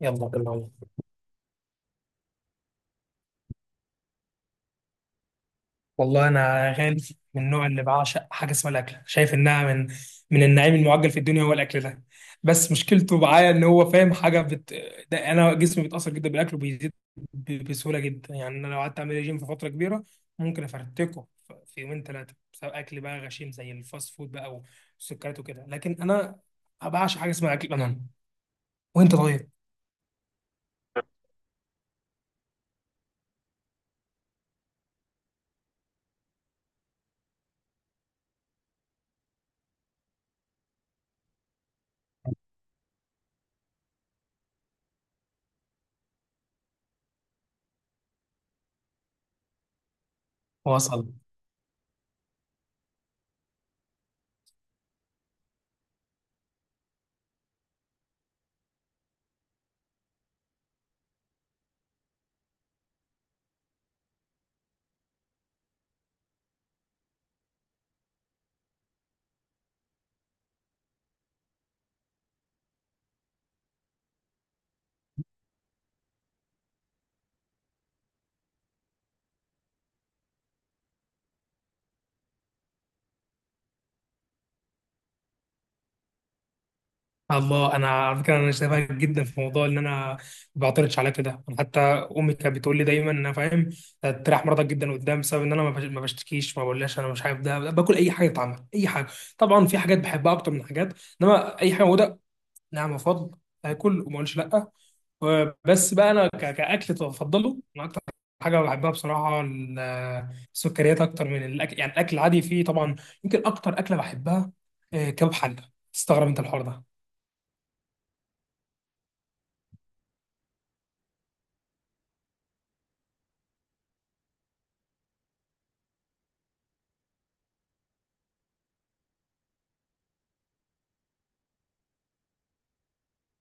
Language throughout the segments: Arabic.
يلا بالله. والله انا يا غالي من النوع اللي بعشق حاجه اسمها الاكل، شايف انها من النعيم المعجل في الدنيا هو الاكل ده. بس مشكلته معايا ان هو فاهم حاجه ده انا جسمي بيتاثر جدا بالاكل وبيزيد بسهوله جدا. يعني انا لو قعدت اعمل ريجيم في فتره كبيره ممكن افرتكه في يومين ثلاثه بسبب اكل بقى غشيم زي الفاست فود بقى والسكريات وكده. لكن انا بعشق حاجه اسمها اكل بنان. وانت طيب؟ وصل. الله، انا على فكره انا شايفها جدا في موضوع ان انا ما بعترضش على كده. انا حتى امي كانت بتقول لي دايما ان انا فاهم تريح مرضك جدا قدام، بسبب ان انا ما بشتكيش ما بقولهاش انا مش عارف. ده باكل اي حاجه تتعمل اي حاجه. طبعا في حاجات بحبها اكتر من حاجات، انما اي حاجه موجوده، نعم، وفضل اكل وما اقولش لا. بس بقى انا كاكل بفضله. انا اكتر حاجه بحبها بصراحه السكريات اكتر من الاكل. يعني الاكل العادي فيه طبعا يمكن اكتر اكله بحبها كباب حله. تستغرب انت الحوار ده؟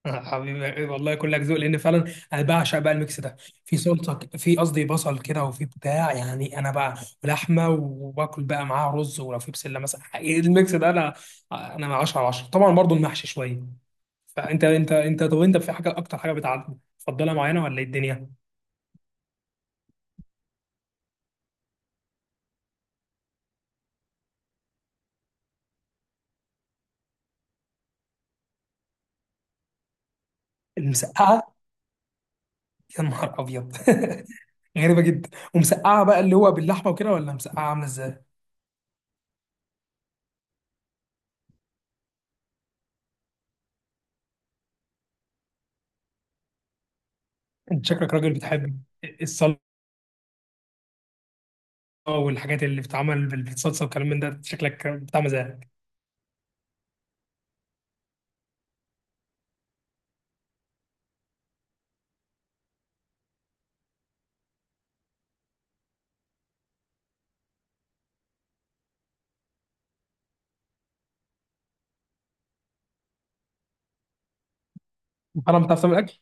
حبيبي والله كلك ذوق، لان فعلا انا بعشق بقى الميكس ده. في سلطه، في قصدي بصل كده، وفي بتاع، يعني انا بقى ولحمه، وباكل بقى معاها رز، ولو في بسله مثلا. حقيقي الميكس ده، انا 10 على 10. طبعا برضو المحشي شويه. فانت انت طب انت في حاجه، اكتر حاجه بتعجبك تفضلها معينه، ولا ايه الدنيا؟ المسقعه؟ يا نهار ابيض. غريبه جدا. ومسقعه بقى اللي هو باللحمه وكده، ولا مسقعه عامله ازاي؟ انت شكلك راجل بتحب الصلصه والحاجات اللي بتتعمل بالصلصه والكلام من ده، شكلك بتاع مزاج. انا بتعرف تعمل اكل؟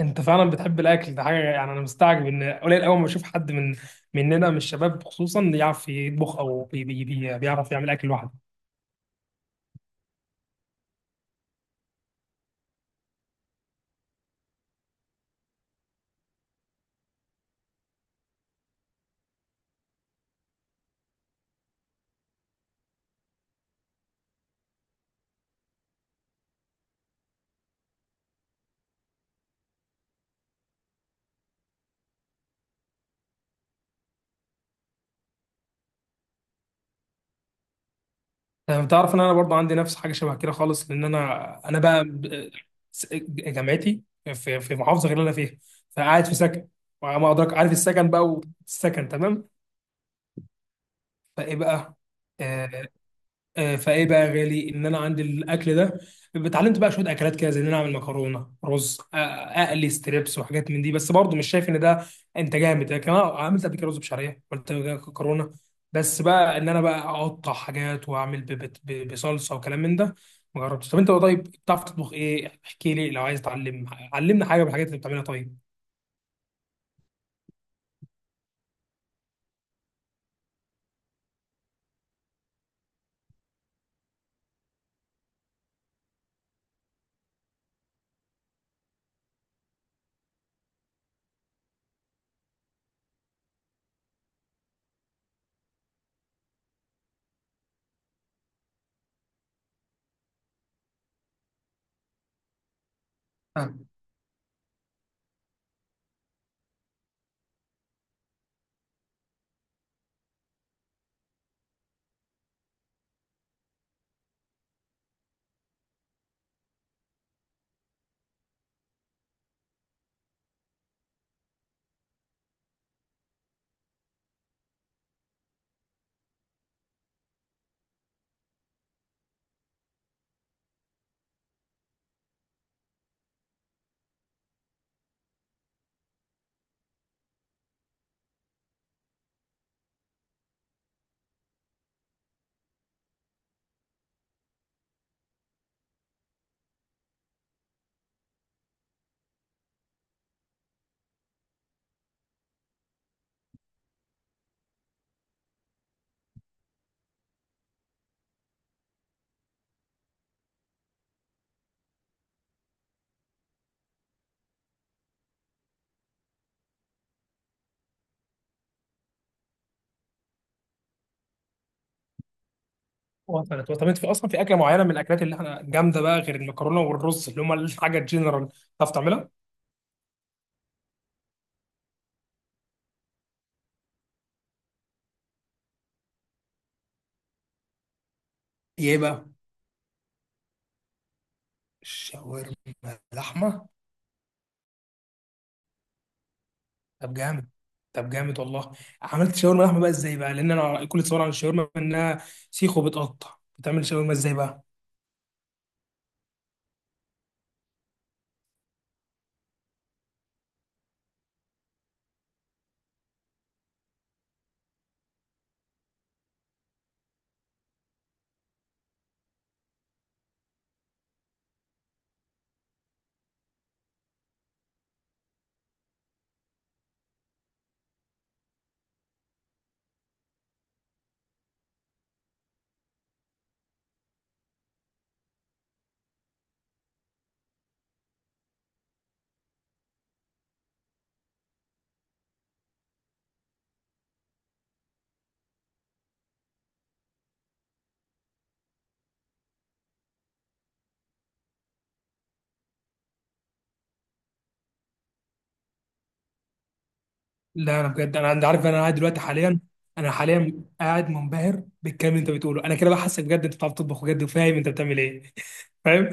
انت فعلا بتحب الاكل ده حاجه. يعني انا مستعجب ان قليل قوي ما بشوف حد مننا من الشباب خصوصا يعرف يطبخ او بي بي بي بيعرف يعمل اكل لوحده. انا بتعرف ان انا برضه عندي نفس حاجه شبه كده خالص، لان انا بقى جامعتي في محافظه غير اللي انا فيها، فقاعد في سكن. وما ادراك، عارف السكن بقى، والسكن تمام. فايه بقى، آه، فايه بقى يا غالي، ان انا عندي الاكل ده. اتعلمت بقى شويه اكلات كده زي ان انا اعمل مكرونه رز، اقلي ستريبس وحاجات من دي. بس برضه مش شايف ان ده انت جامد. لكن انا عملت قبل كده رز بشعريه، عملت قبل كده مكرونه. بس بقى ان انا بقى اقطع حاجات واعمل بصلصه وكلام من ده ما جربتش. طب انت بقى، طيب، بتعرف تطبخ ايه؟ احكي لي، لو عايز تعلم علمنا حاجه من الحاجات اللي بتعملها طيب. آه. وصلت وصلت. طب انت في اصلا في اكله معينه من الاكلات اللي احنا جامده بقى، غير المكرونه والرز اللي هم الحاجه الجنرال، تعرف تعملها؟ ايه بقى؟ شاورما لحمه؟ طب جامد. طب جامد والله. عملت شاورما لحمه بقى ازاي بقى؟ لان انا كل تصور عن الشاورما انها سيخ وبتقطع، بتعمل شاورما ازاي بقى؟ لا انا بجد، انا انت عارف انا قاعد دلوقتي حاليا. انا حاليا قاعد منبهر بالكلام اللي انت بتقوله. انا كده بقى حاسك بجد، انت بتعرف تطبخ بجد وفاهم انت بتعمل ايه. فاهم.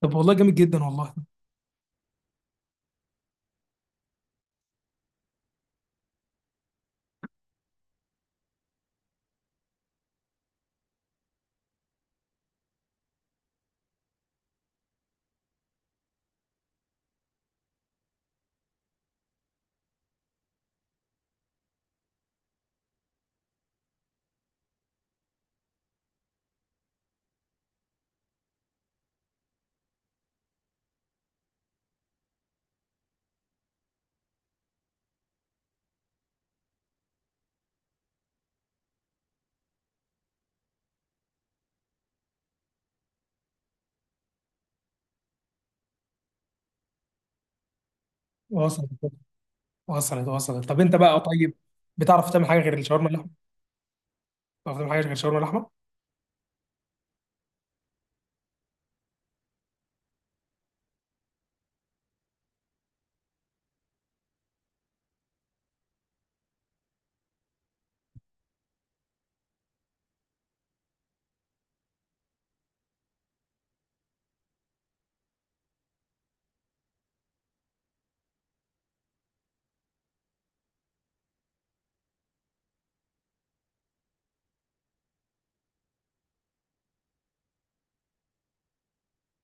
طب والله جامد جدا والله. وصلت وصلت وصلت. طب انت بقى طيب، بتعرف تعمل حاجه غير الشاورما اللحمه؟ بتعرف تعمل حاجه غير الشاورما اللحمه؟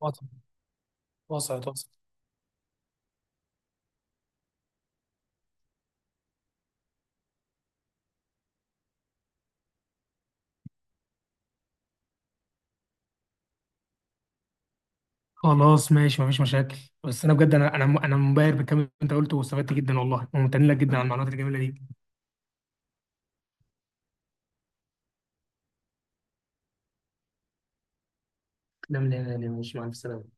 وصلت وصلت وصلت. خلاص ماشي، مفيش مشاكل. بس انا بجد، انا انا منبهر بالكلام اللي انت قلته، واستفدت جدا والله، وممتن لك جدا على المعلومات الجميله دي. لا لا لا لا، مش مع السلامة.